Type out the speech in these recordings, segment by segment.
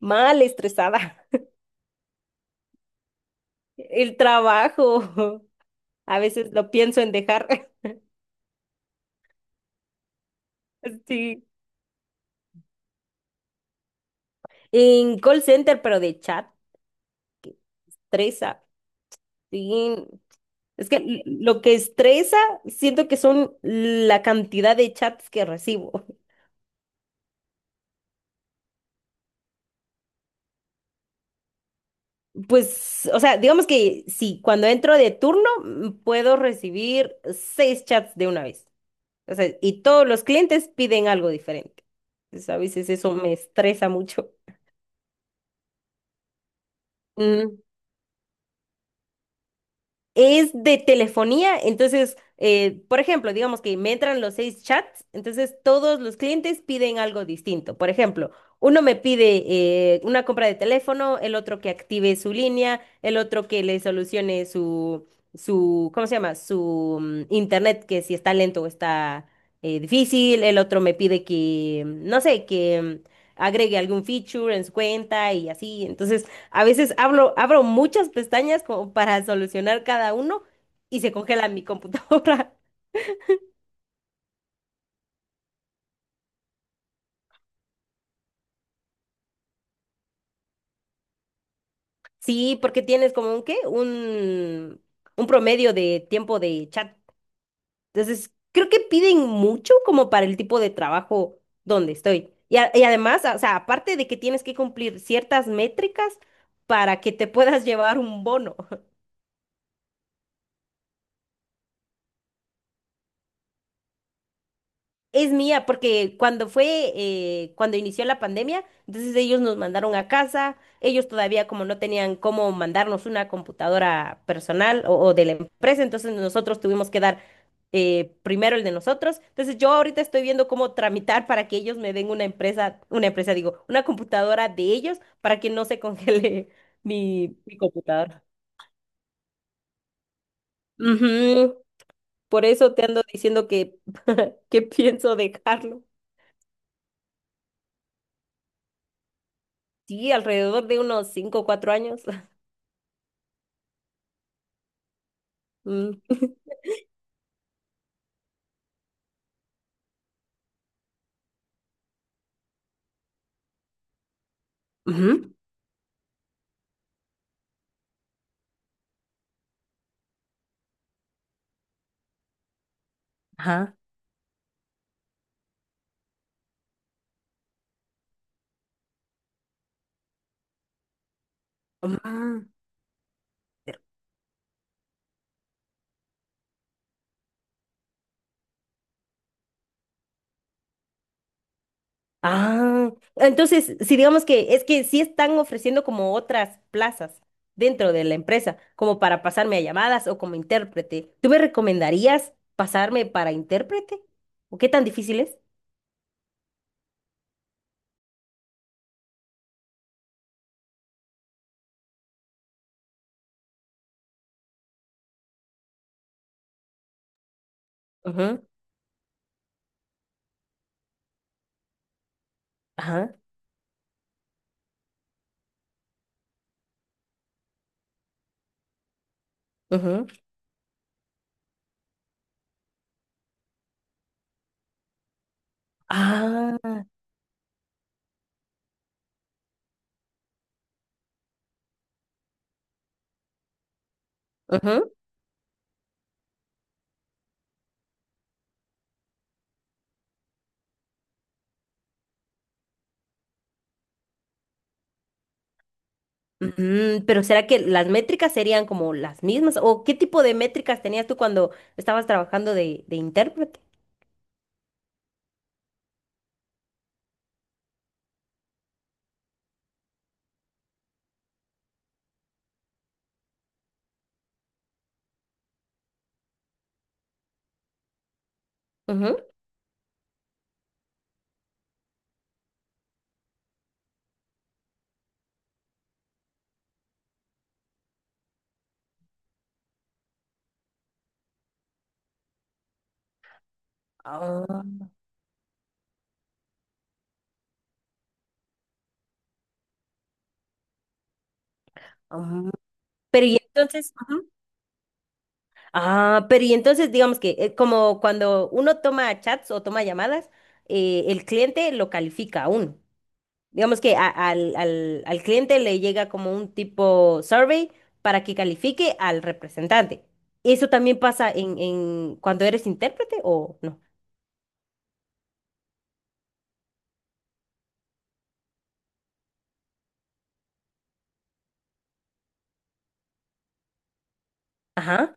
Mal estresada. El trabajo. A veces lo pienso en dejar. Sí. En call center, pero de chat, estresa. Sí. Es que lo que estresa, siento que son la cantidad de chats que recibo. Pues, o sea, digamos que sí, cuando entro de turno, puedo recibir seis chats de una vez. O sea, y todos los clientes piden algo diferente. Entonces, a veces eso me estresa mucho. Mm. Es de telefonía, entonces, por ejemplo, digamos que me entran los seis chats, entonces todos los clientes piden algo distinto. Por ejemplo, uno me pide una compra de teléfono, el otro que active su línea, el otro que le solucione ¿cómo se llama? Su internet, que si está lento o está difícil, el otro me pide que, no sé, que agregue algún feature en su cuenta y así. Entonces, a veces hablo abro muchas pestañas como para solucionar cada uno y se congela mi computadora. Sí, porque tienes como un promedio de tiempo de chat. Entonces, creo que piden mucho como para el tipo de trabajo donde estoy. Y además, o sea, aparte de que tienes que cumplir ciertas métricas para que te puedas llevar un bono. Es mía, porque cuando inició la pandemia, entonces ellos nos mandaron a casa, ellos todavía como no tenían cómo mandarnos una computadora personal o de la empresa, entonces nosotros tuvimos que dar primero el de nosotros. Entonces yo ahorita estoy viendo cómo tramitar para que ellos me den una empresa, digo, una computadora de ellos para que no se congele mi computadora. Ujú. Por eso te ando diciendo que, que pienso dejarlo. Sí, alrededor de unos 5, o 4 años. Mm. Ujú. Ajá. Ah, pero- ah, entonces, si digamos que es que sí están ofreciendo como otras plazas dentro de la empresa, como para pasarme a llamadas o como intérprete. ¿Tú me recomendarías pasarme para intérprete? ¿O qué tan difícil es? Ujú. Ajá. Ujú. Ah, ujú. Mm, pero ¿será que las métricas serían como las mismas? ¿O qué tipo de métricas tenías tú cuando estabas trabajando de intérprete? Ujú. Ah, ah. Pero y entonces, Ujú. Pero y entonces digamos que como cuando uno toma chats o toma llamadas, el cliente lo califica a uno. Digamos que al cliente le llega como un tipo survey para que califique al representante. ¿Eso también pasa en cuando eres intérprete o no? Ajá.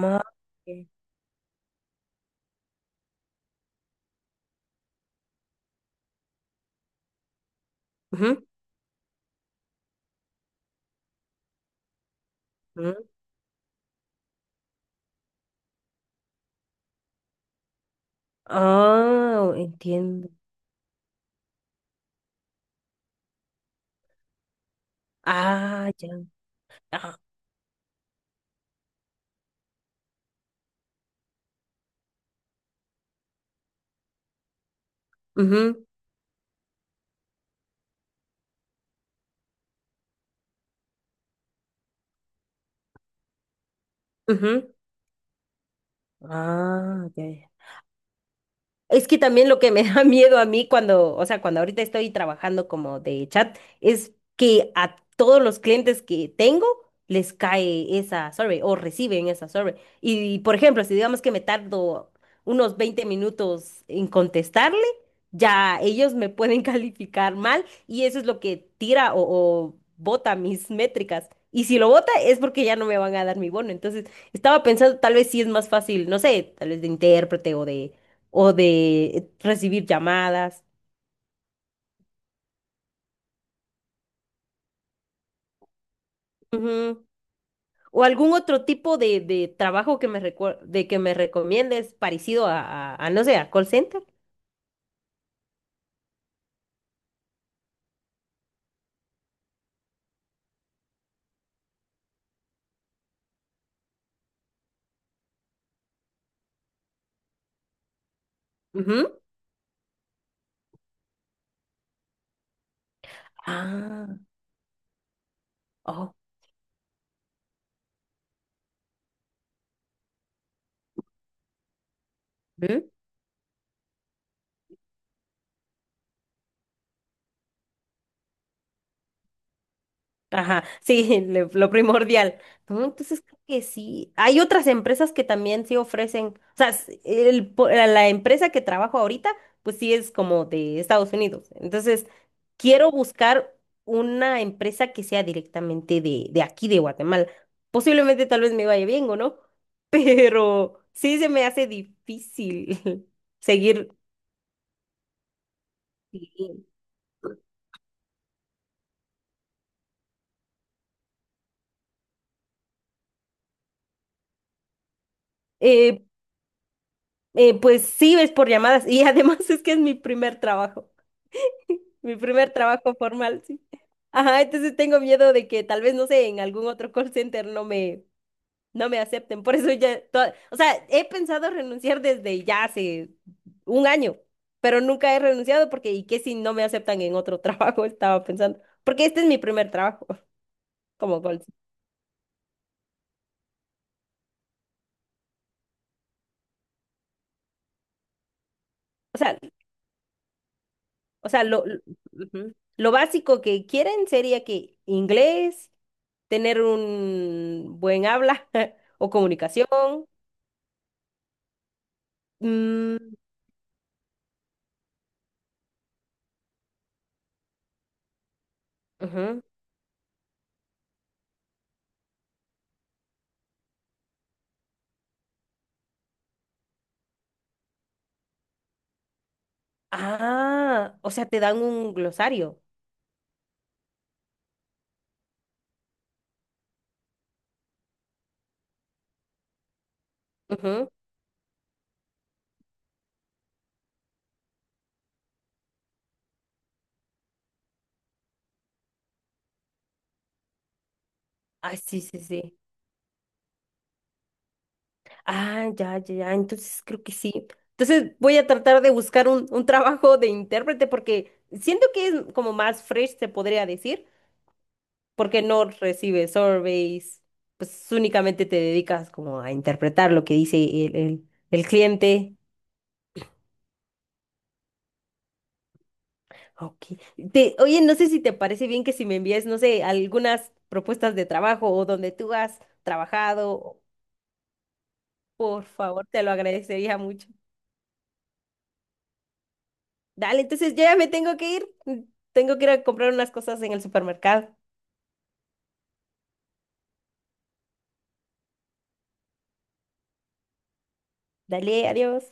Madre. Ujú, ujú. Ah, entiendo. Ah, ya. Ah, ujú, ujú. Ah, ya, ya. Es que también lo que me da miedo a mí cuando, o sea, cuando ahorita estoy trabajando como de chat, es que a todos los clientes que tengo les cae esa survey o reciben esa survey. Y, por ejemplo, si digamos que me tardo unos 20 minutos en contestarle, ya ellos me pueden calificar mal y eso es lo que tira o bota mis métricas. Y si lo bota es porque ya no me van a dar mi bono. Entonces, estaba pensando, tal vez sí es más fácil, no sé, tal vez de intérprete o de recibir llamadas. Ujú. O algún otro tipo de trabajo que me recomiendes parecido a, no sé, a call center. Ujú. Ah, oh. Ajá, sí, lo primordial. ¿No? Entonces creo que sí. Hay otras empresas que también sí ofrecen, o sea, s- el po- la la empresa que trabajo ahorita, pues sí es como de Estados Unidos. Entonces, quiero buscar una empresa que sea directamente de aquí, de Guatemala. Posiblemente tal vez me vaya bien o no, pero sí se me hace difícil seguir. Sí. Eh, pues sí, es por llamadas y además es que es mi primer trabajo. Mi primer trabajo formal, sí. Ajá, entonces tengo miedo de que tal vez, no sé, en algún otro call center no me acepten. Por eso ya, o sea, he pensado renunciar desde ya hace un año, pero nunca he renunciado porque, ¿y qué si no me aceptan en otro trabajo? Estaba pensando, porque este es mi primer trabajo como call center. O sea, o sea, lo ujú. Lo básico que quieren sería que inglés, tener un buen habla o comunicación. Mm, ujú. Ah, o sea, te dan un glosario. Ujú. Ah, sí, sí, sí. Ah, ya, ya, ya. Entonces creo que sí. Entonces voy a tratar de buscar un trabajo de intérprete porque siento que es como más fresh, se podría decir, porque no recibes surveys, pues únicamente te dedicas como a interpretar lo que dice el cliente. Ok. Oye, no sé si te parece bien que si me envíes, no sé, algunas propuestas de trabajo o donde tú has trabajado. Por favor, te lo agradecería mucho. Dale, entonces yo ya me tengo que ir. Tengo que ir a comprar unas cosas en el supermercado. Dale, adiós.